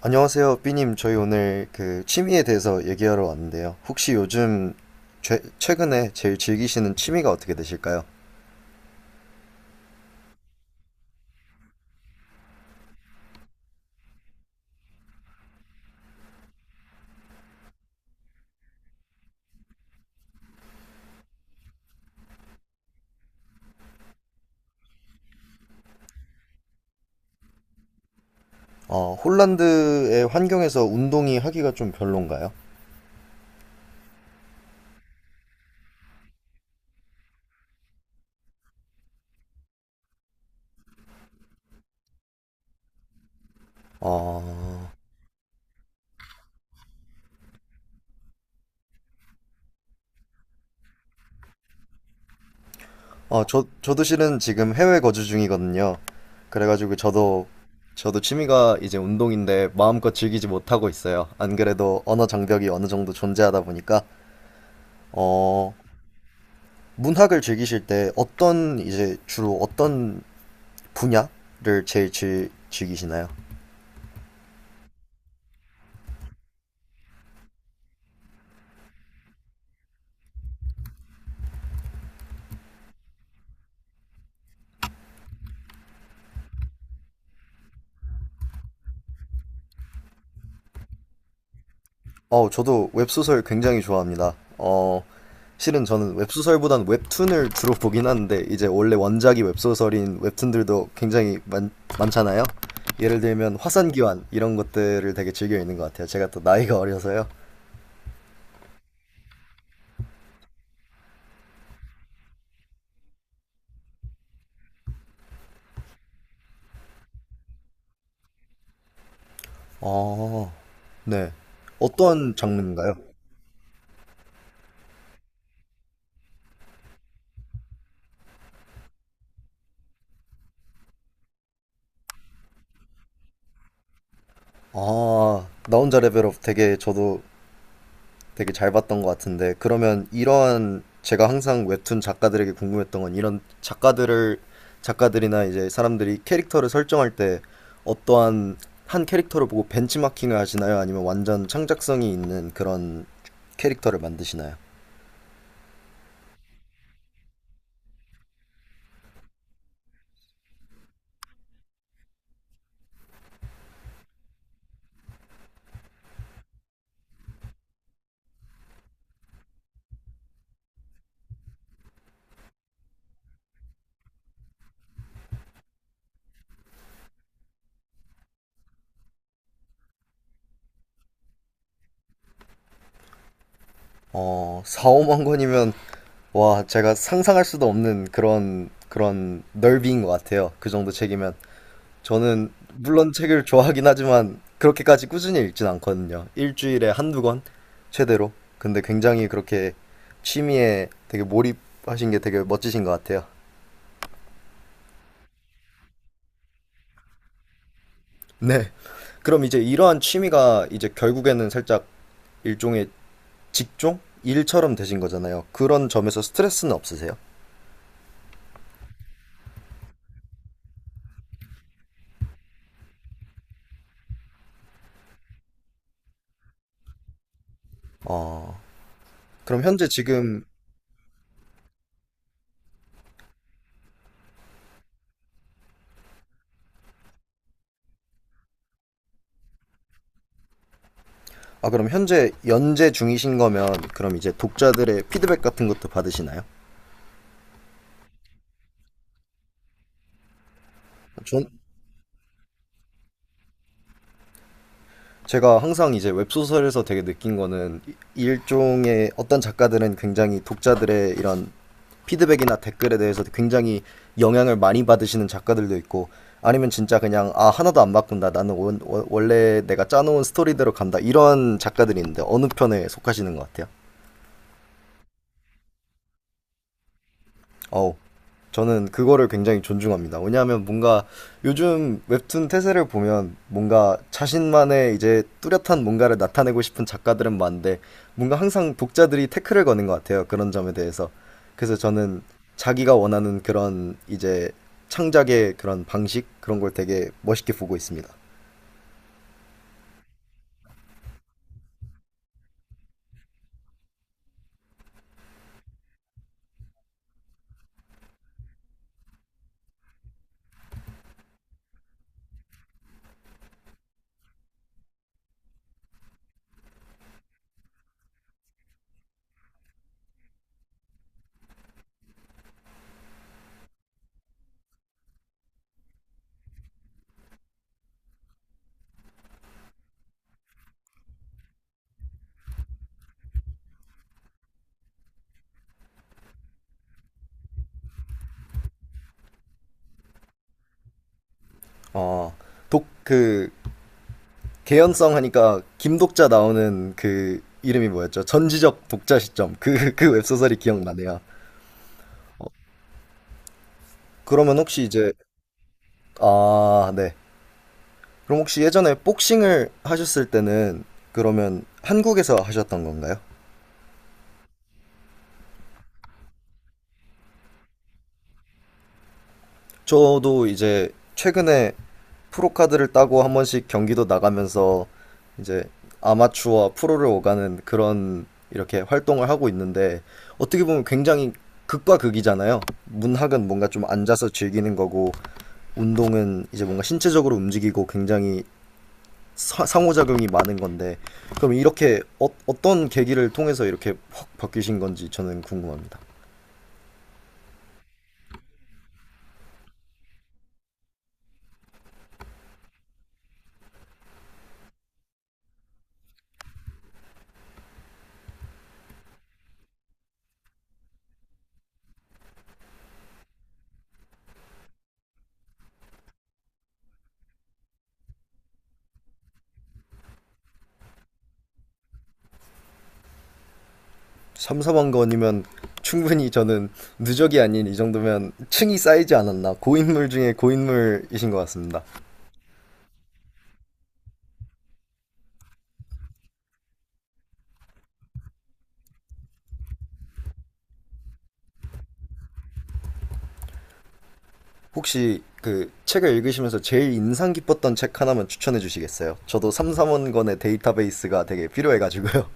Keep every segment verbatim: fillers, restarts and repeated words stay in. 안녕하세요, 삐님. 저희 오늘 그 취미에 대해서 얘기하러 왔는데요. 혹시 요즘 죄- 최근에 제일 즐기시는 취미가 어떻게 되실까요? 어, 홀란드의 환경에서 운동이 하기가 좀 별론가요? 어, 어, 저, 저도 실은 지금 해외 거주 중이거든요. 그래가지고 저도, 저도 취미가 이제 운동인데 마음껏 즐기지 못하고 있어요. 안 그래도 언어 장벽이 어느 정도 존재하다 보니까, 어, 문학을 즐기실 때 어떤, 이제 주로 어떤 분야를 제일 즐, 즐기시나요? 어, 저도 웹소설 굉장히 좋아합니다. 어, 실은 저는 웹소설보단 웹툰을 주로 보긴 하는데, 이제 원래 원작이 웹소설인 웹툰들도 굉장히 많, 많잖아요. 예를 들면 화산기환 이런 것들을 되게 즐겨 읽는 것 같아요. 제가 또 나이가 어려서요. 어, 네. 어떤 장르인가요? 아, 나 혼자 레벨업 되게 저도 되게 잘 봤던 것 같은데 그러면 이런 제가 항상 웹툰 작가들에게 궁금했던 건 이런 작가들을 작가들이나 이제 사람들이 캐릭터를 설정할 때 어떠한 한 캐릭터를 보고 벤치마킹을 하시나요? 아니면 완전 창작성이 있는 그런 캐릭터를 만드시나요? 어, 사, 오만 권이면 와, 제가 상상할 수도 없는 그런 그런 넓이인 것 같아요. 그 정도 책이면 저는 물론 책을 좋아하긴 하지만 그렇게까지 꾸준히 읽진 않거든요. 일주일에 한두 권 최대로. 근데 굉장히 그렇게 취미에 되게 몰입하신 게 되게 멋지신 것 같아요. 네. 그럼 이제 이러한 취미가 이제 결국에는 살짝 일종의 직종? 일처럼 되신 거잖아요. 그런 점에서 스트레스는 없으세요? 어, 그럼 현재 지금, 아, 그럼 현재 연재 중이신 거면, 그럼 이제 독자들의 피드백 같은 것도 받으시나요? 제가 항상 이제 웹소설에서 되게 느낀 거는 일종의 어떤 작가들은 굉장히 독자들의 이런 피드백이나 댓글에 대해서 굉장히 영향을 많이 받으시는 작가들도 있고 아니면 진짜 그냥 아 하나도 안 바꾼다 나는 원, 원- 원래 내가 짜놓은 스토리대로 간다 이런 작가들이 있는데 어느 편에 속하시는 것 같아요? 어우, 저는 그거를 굉장히 존중합니다. 왜냐하면 뭔가 요즘 웹툰 태세를 보면 뭔가 자신만의 이제 뚜렷한 뭔가를 나타내고 싶은 작가들은 많은데 뭔가 항상 독자들이 태클을 거는 것 같아요. 그런 점에 대해서. 그래서 저는 자기가 원하는 그런 이제 창작의 그런 방식 그런 걸 되게 멋있게 보고 있습니다. 어, 독, 그, 개연성 하니까 김독자 나오는 그 이름이 뭐였죠? 전지적 독자 시점. 그, 그 웹소설이 기억나네요. 그러면 혹시 이제 아, 네. 그럼 혹시 예전에 복싱을 하셨을 때는 그러면 한국에서 하셨던 건가요? 저도 이제 최근에 프로카드를 따고 한 번씩 경기도 나가면서 이제 아마추어와 프로를 오가는 그런 이렇게 활동을 하고 있는데 어떻게 보면 굉장히 극과 극이잖아요. 문학은 뭔가 좀 앉아서 즐기는 거고 운동은 이제 뭔가 신체적으로 움직이고 굉장히 사- 상호작용이 많은 건데 그럼 이렇게 어, 어떤 계기를 통해서 이렇게 확 바뀌신 건지 저는 궁금합니다. 삼사번 건이면 충분히 저는 누적이 아닌 이 정도면 층이 쌓이지 않았나 고인물 중에 고인물이신 것 같습니다. 혹시 그 책을 읽으시면서 제일 인상 깊었던 책 하나만 추천해 주시겠어요? 저도 삼사번 건의 데이터베이스가 되게 필요해가지고요.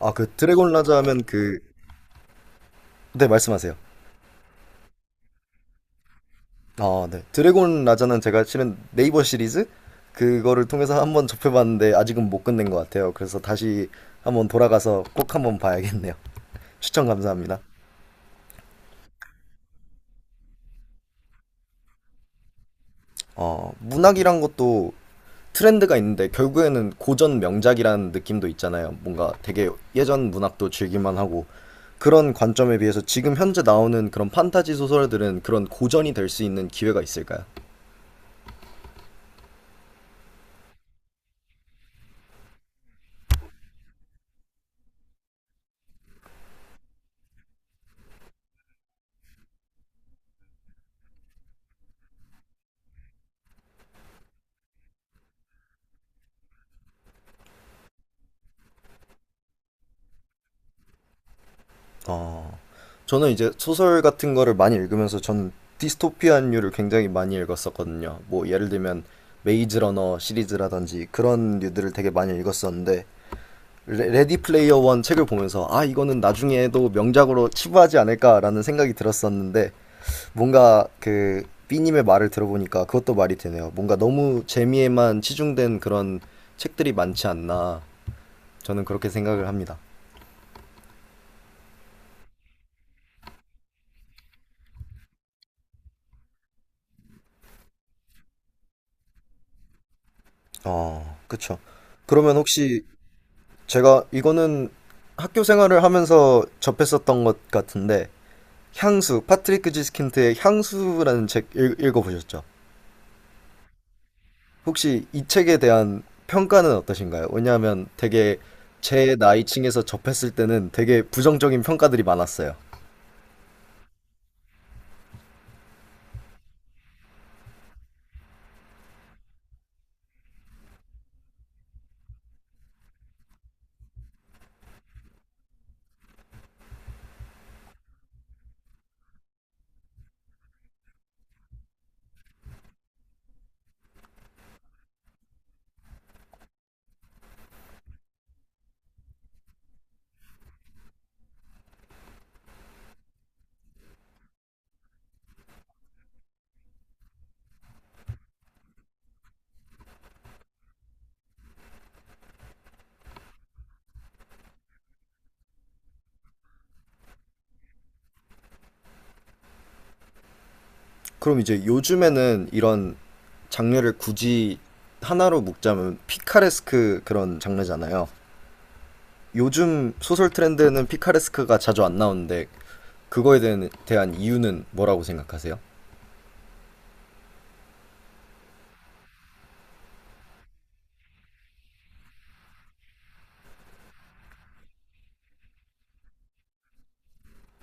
아, 그 드래곤 라자 하면 그... 네, 말씀하세요. 아, 네. 드래곤 라자는 제가 실은 네이버 시리즈 그거를 통해서 한번 접해봤는데 아직은 못 끝낸 것 같아요. 그래서 다시 한번 돌아가서 꼭 한번 봐야겠네요. 추천 감사합니다. 어, 문학이란 것도 트렌드가 있는데 결국에는 고전 명작이라는 느낌도 있잖아요. 뭔가 되게 예전 문학도 즐길만 하고 그런 관점에 비해서 지금 현재 나오는 그런 판타지 소설들은 그런 고전이 될 수 있는 기회가 있을까요? 어, 저는 이제 소설 같은 거를 많이 읽으면서 전 디스토피아류를 굉장히 많이 읽었었거든요. 뭐 예를 들면 메이즈 러너 시리즈라든지 그런 류들을 되게 많이 읽었었는데 레, 레디 플레이어 원 책을 보면서 아 이거는 나중에도 명작으로 치부하지 않을까라는 생각이 들었었는데 뭔가 그 B님의 말을 들어보니까 그것도 말이 되네요. 뭔가 너무 재미에만 치중된 그런 책들이 많지 않나 저는 그렇게 생각을 합니다. 어, 그쵸. 그러면 혹시 제가 이거는 학교 생활을 하면서 접했었던 것 같은데 향수, 파트리크 지스킨트의 향수라는 책 읽, 읽어보셨죠? 혹시 이 책에 대한 평가는 어떠신가요? 왜냐하면 되게 제 나이층에서 접했을 때는 되게 부정적인 평가들이 많았어요. 그럼 이제 요즘에는 이런 장르를 굳이 하나로 묶자면 피카레스크 그런 장르잖아요. 요즘 소설 트렌드는 피카레스크가 자주 안 나오는데 그거에 대한, 대한 이유는 뭐라고 생각하세요?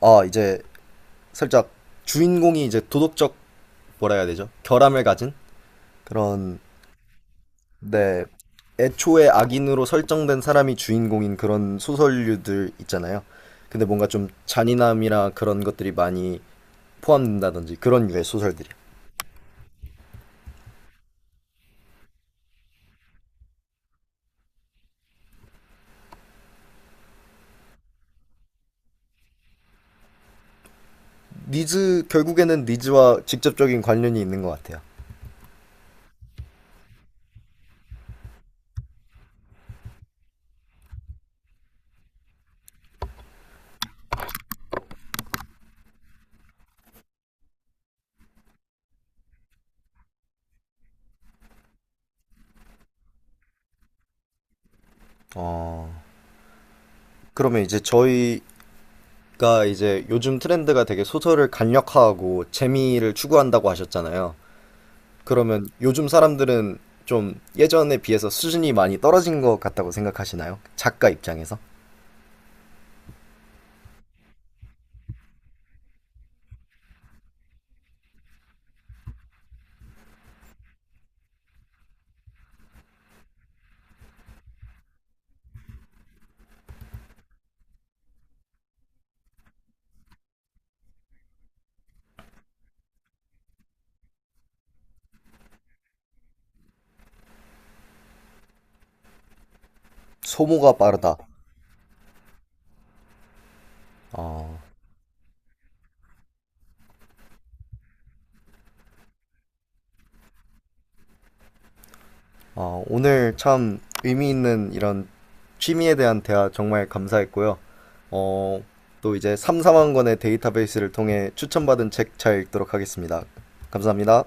아 이제 살짝 주인공이 이제 도덕적 뭐라 해야 되죠? 결함을 가진 그런 네 애초에 악인으로 설정된 사람이 주인공인 그런 소설류들 있잖아요. 근데 뭔가 좀 잔인함이나 그런 것들이 많이 포함된다든지 그런 유의 소설들이요. 니즈 결국에는 니즈와 직접적인 관련이 있는 것 같아요. 어, 그러면 이제 저희 그러니까 이제 요즘 트렌드가 되게 소설을 간략화하고 재미를 추구한다고 하셨잖아요. 그러면 요즘 사람들은 좀 예전에 비해서 수준이 많이 떨어진 것 같다고 생각하시나요? 작가 입장에서? 소모가 빠르다. 어, 어, 오늘 참 의미 있는 이런 취미에 대한 대화 정말 감사했고요. 어, 또 이제 삼삼만 권의 데이터베이스를 통해 추천받은 책 잘 읽도록 하겠습니다. 감사합니다.